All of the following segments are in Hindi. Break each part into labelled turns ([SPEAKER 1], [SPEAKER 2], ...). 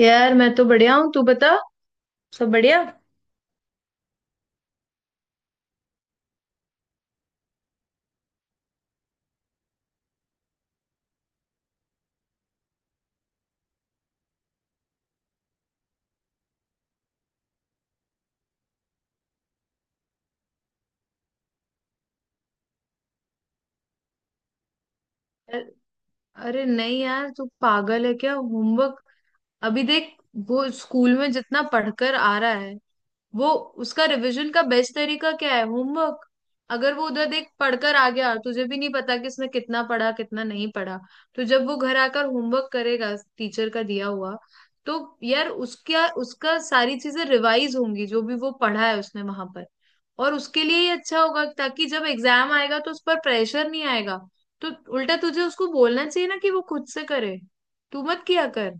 [SPEAKER 1] यार, मैं तो बढ़िया हूँ। तू बता। सब बढ़िया। यार, अरे नहीं यार, तू पागल है क्या? होमवर्क? अभी देख, वो स्कूल में जितना पढ़कर आ रहा है, वो उसका रिवीजन का बेस्ट तरीका क्या है? होमवर्क। अगर वो उधर देख पढ़कर आ गया, तुझे भी नहीं पता कि इसने कितना पढ़ा, कितना नहीं पढ़ा। तो जब वो घर आकर होमवर्क करेगा, टीचर का दिया हुआ, तो यार उसका उसका सारी चीजें रिवाइज होंगी, जो भी वो पढ़ा है उसने वहां पर। और उसके लिए ही अच्छा होगा, ताकि जब एग्जाम आएगा तो उस पर प्रेशर नहीं आएगा। तो उल्टा तुझे उसको बोलना चाहिए ना, कि वो खुद से करे। तू मत किया कर।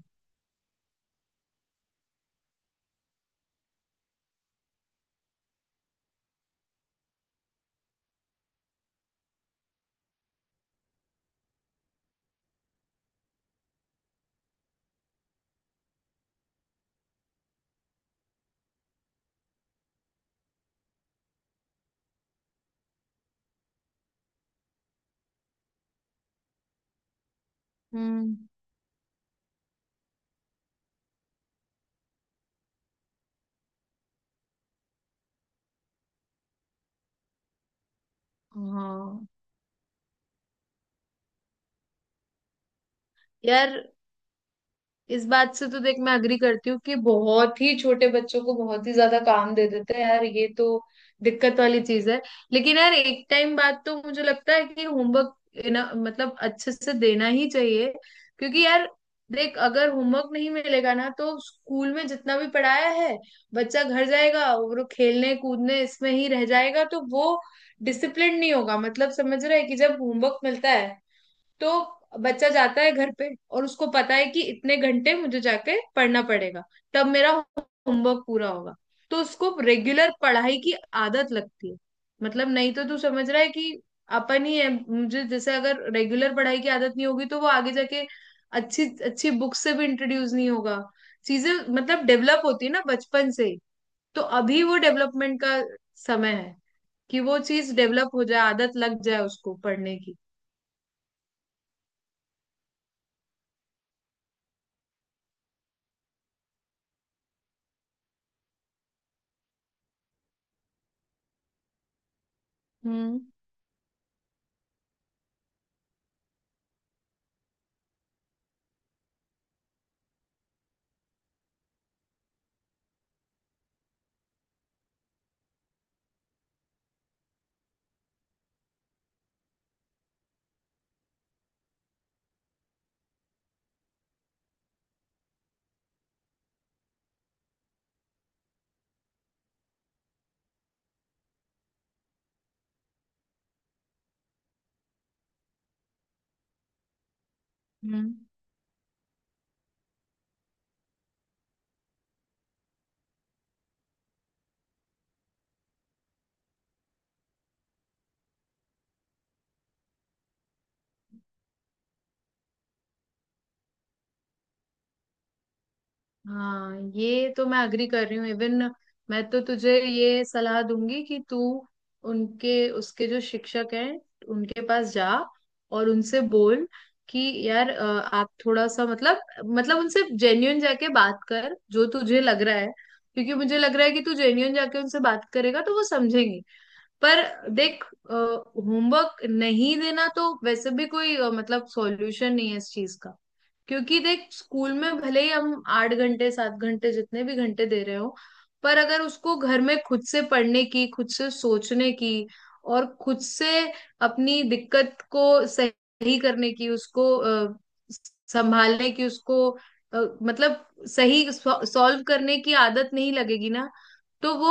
[SPEAKER 1] हम्म। हाँ यार, इस बात से तो देख मैं अग्री करती हूँ कि बहुत ही छोटे बच्चों को बहुत ही ज्यादा काम दे देते हैं। यार, ये तो दिक्कत वाली चीज है। लेकिन यार एक टाइम बाद तो मुझे लगता है कि होमवर्क ना, मतलब अच्छे से देना ही चाहिए। क्योंकि यार, देख अगर होमवर्क नहीं मिलेगा ना, तो स्कूल में जितना भी पढ़ाया है, बच्चा घर जाएगा और वो खेलने कूदने इसमें ही रह जाएगा। तो वो डिसिप्लिन नहीं होगा। मतलब समझ रहा है कि जब होमवर्क मिलता है तो बच्चा जाता है घर पे, और उसको पता है कि इतने घंटे मुझे जाके पढ़ना पड़ेगा, तब मेरा होमवर्क पूरा होगा। तो उसको रेगुलर पढ़ाई की आदत लगती है। मतलब नहीं तो तू समझ रहा है कि अपन ही है मुझे, जैसे अगर रेगुलर पढ़ाई की आदत नहीं होगी तो वो आगे जाके अच्छी अच्छी बुक से भी इंट्रोड्यूस नहीं होगा। चीजें मतलब डेवलप होती है ना बचपन से ही। तो अभी वो डेवलपमेंट का समय है कि वो चीज डेवलप हो जाए, आदत लग जाए उसको पढ़ने की। हम्म। हम्म। हाँ, ये तो मैं अग्री कर रही हूँ। इवन मैं तो तुझे ये सलाह दूंगी कि तू उनके उसके जो शिक्षक हैं उनके पास जा, और उनसे बोल कि यार, आप थोड़ा सा मतलब उनसे जेन्यून जाके बात कर जो तुझे लग रहा है। क्योंकि मुझे लग रहा है कि तू जेन्यून जाके उनसे बात करेगा तो वो समझेंगे। पर देख, होमवर्क नहीं देना तो वैसे भी कोई मतलब सॉल्यूशन नहीं है इस चीज का। क्योंकि देख, स्कूल में भले ही हम आठ घंटे सात घंटे जितने भी घंटे दे रहे हो, पर अगर उसको घर में खुद से पढ़ने की, खुद से सोचने की, और खुद से अपनी दिक्कत को सही करने की, उसको संभालने की, उसको मतलब सही सॉल्व करने की आदत नहीं लगेगी ना, तो वो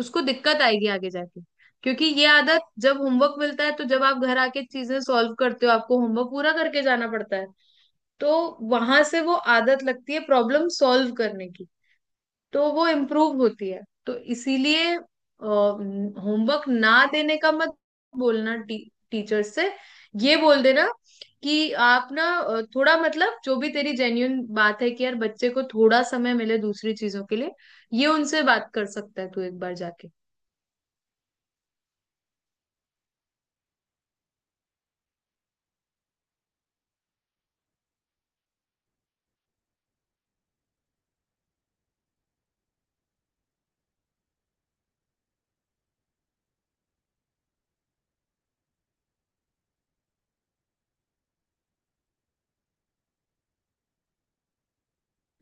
[SPEAKER 1] उसको दिक्कत आएगी आगे जाके। क्योंकि ये आदत, जब होमवर्क मिलता है, तो जब आप घर आके चीजें सॉल्व करते हो, आपको होमवर्क पूरा करके जाना पड़ता है, तो वहां से वो आदत लगती है प्रॉब्लम सॉल्व करने की। तो वो इम्प्रूव होती है। तो इसीलिए होमवर्क ना देने का मत बोलना। टीचर से ये बोल देना कि आप ना, थोड़ा मतलब, जो भी तेरी जेन्यून बात है कि यार बच्चे को थोड़ा समय मिले दूसरी चीजों के लिए, ये उनसे बात कर सकता है तू एक बार जाके।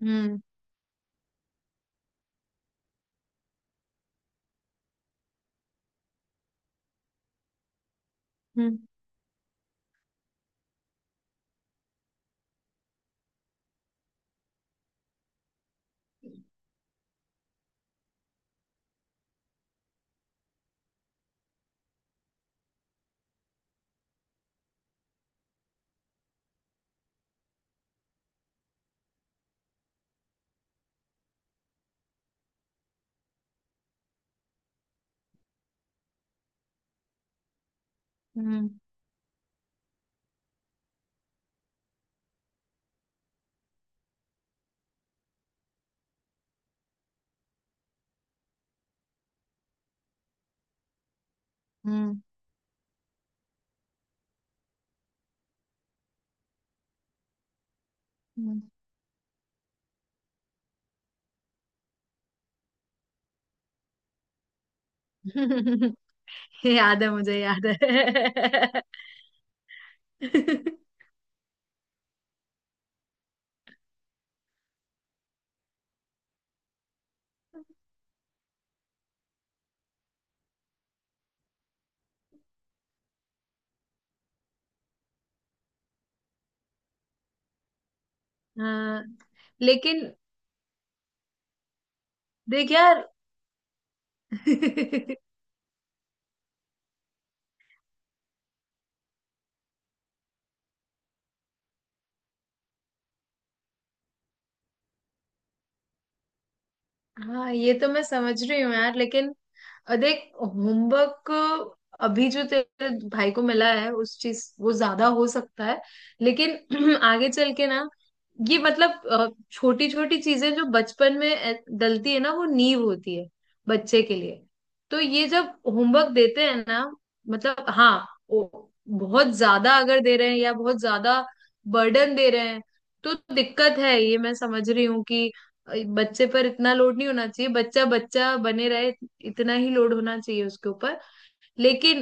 [SPEAKER 1] हम्म। हम्म। हम्म। हम्म। हम्म। याद है। मुझे याद है। हाँ लेकिन देख यार। हाँ, ये तो मैं समझ रही हूँ यार, लेकिन देख होमवर्क अभी जो तेरे भाई को मिला है उस चीज, वो ज्यादा हो सकता है। लेकिन आगे चल के ना, ये मतलब छोटी छोटी चीजें जो बचपन में डलती है ना, वो नींव होती है बच्चे के लिए। तो ये जब होमवर्क देते हैं ना, मतलब हाँ, वो बहुत ज्यादा अगर दे रहे हैं या बहुत ज्यादा बर्डन दे रहे हैं, तो दिक्कत है, ये मैं समझ रही हूँ कि बच्चे पर इतना लोड नहीं होना चाहिए। बच्चा बच्चा बने रहे, इतना ही लोड होना चाहिए उसके ऊपर। लेकिन,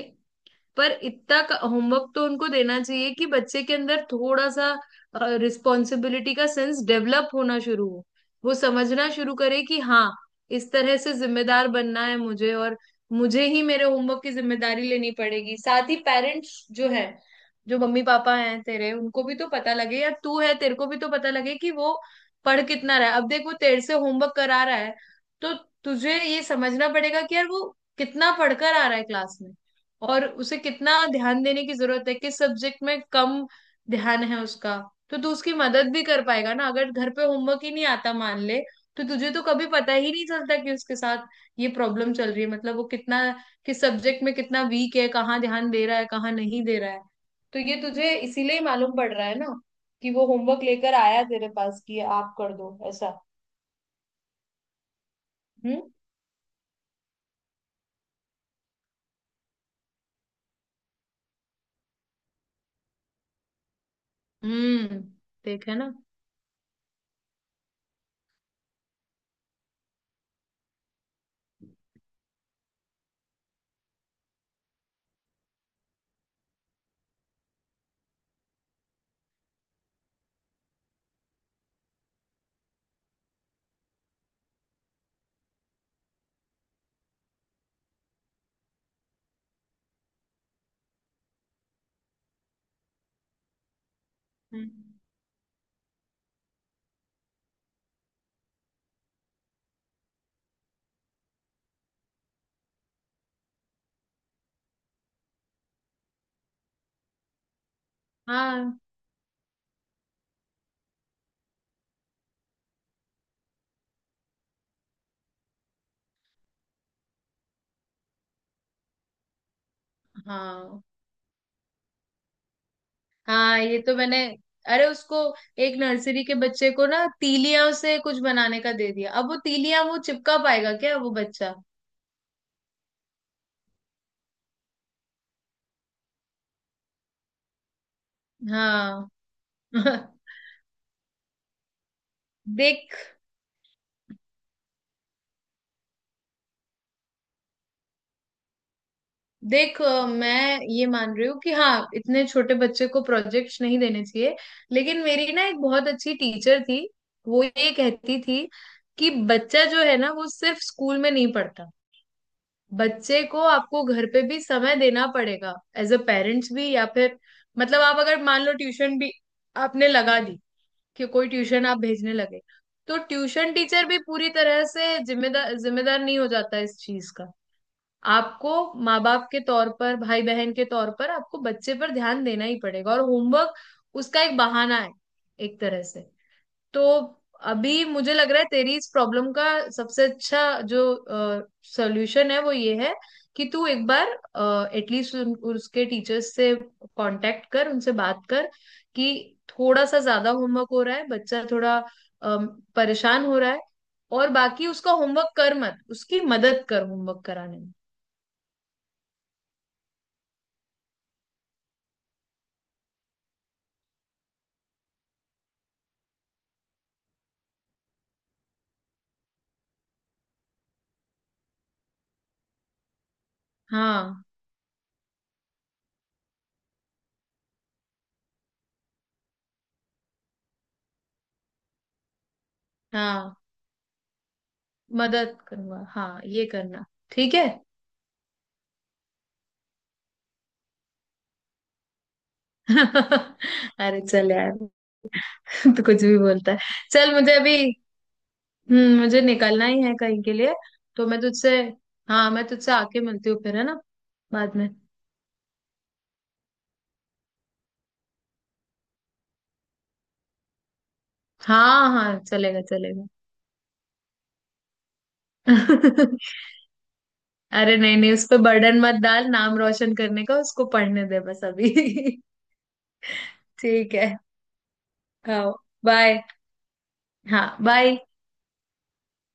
[SPEAKER 1] पर इतना होमवर्क तो उनको देना चाहिए कि बच्चे के अंदर थोड़ा सा रिस्पॉन्सिबिलिटी का सेंस डेवलप होना शुरू हो। वो समझना शुरू करे कि हाँ, इस तरह से जिम्मेदार बनना है मुझे, और मुझे ही मेरे होमवर्क की जिम्मेदारी लेनी पड़ेगी। साथ ही पेरेंट्स जो है, जो मम्मी पापा हैं तेरे, उनको भी तो पता लगे, या तू है तेरे को भी तो पता लगे कि वो पढ़ कितना रहा है। अब देख, वो तेरे से होमवर्क करा रहा है, तो तुझे ये समझना पड़ेगा कि यार वो कितना पढ़कर आ रहा है क्लास में, और उसे कितना ध्यान देने की जरूरत है, किस सब्जेक्ट में कम ध्यान है उसका। तो तू उसकी मदद भी कर पाएगा ना। अगर घर पे होमवर्क ही नहीं आता मान ले, तो तुझे तो कभी पता ही नहीं चलता कि उसके साथ ये प्रॉब्लम चल रही है, मतलब वो कितना, किस सब्जेक्ट में कितना वीक है, कहाँ ध्यान दे रहा है कहाँ नहीं दे रहा है। तो ये तुझे इसीलिए ही मालूम पड़ रहा है ना, कि वो होमवर्क लेकर आया तेरे पास कि ये आप कर दो ऐसा। हम्म। हम्म। देखा ना। हम्म। हाँ। हाँ। हाँ, ये तो मैंने। अरे उसको, एक नर्सरी के बच्चे को ना, तीलियां से कुछ बनाने का दे दिया, अब वो तीलियां वो चिपका पाएगा क्या वो बच्चा? हाँ। देख। देख, मैं ये मान रही हूँ कि हाँ, इतने छोटे बच्चे को प्रोजेक्ट्स नहीं देने चाहिए। लेकिन मेरी ना एक बहुत अच्छी टीचर थी। वो ये कहती थी कि बच्चा जो है ना वो सिर्फ स्कूल में नहीं पढ़ता। बच्चे को आपको घर पे भी समय देना पड़ेगा एज अ पेरेंट्स भी, या फिर मतलब आप अगर मान लो ट्यूशन भी आपने लगा दी, कि कोई ट्यूशन आप भेजने लगे, तो ट्यूशन टीचर भी पूरी तरह से जिम्मेदार जिम्मेदार नहीं हो जाता इस चीज का। आपको माँ बाप के तौर पर, भाई बहन के तौर पर, आपको बच्चे पर ध्यान देना ही पड़ेगा, और होमवर्क उसका एक बहाना है एक तरह से। तो अभी मुझे लग रहा है तेरी इस प्रॉब्लम का सबसे अच्छा जो सॉल्यूशन है वो ये है कि तू एक बार एटलीस्ट उसके टीचर्स से कांटेक्ट कर, उनसे बात कर कि थोड़ा सा ज्यादा होमवर्क हो रहा है, बच्चा थोड़ा अम, परेशान हो रहा है, और बाकी उसका होमवर्क कर मत, उसकी मदद कर होमवर्क कराने में। हाँ। हाँ। मदद करूंगा, हाँ ये करना। ठीक है। अरे चल यार। तो कुछ भी बोलता है। चल, मुझे अभी, हम्म, मुझे निकलना ही है कहीं के लिए, तो मैं तुझसे, हाँ मैं तुझसे आके मिलती हूँ फिर, है ना? बाद में। हाँ। हाँ, चलेगा चलेगा। अरे नहीं नहीं, उस पर बर्डन मत डाल नाम रोशन करने का, उसको पढ़ने दे बस अभी। ठीक है। हाँ, बाय। हाँ, बाय।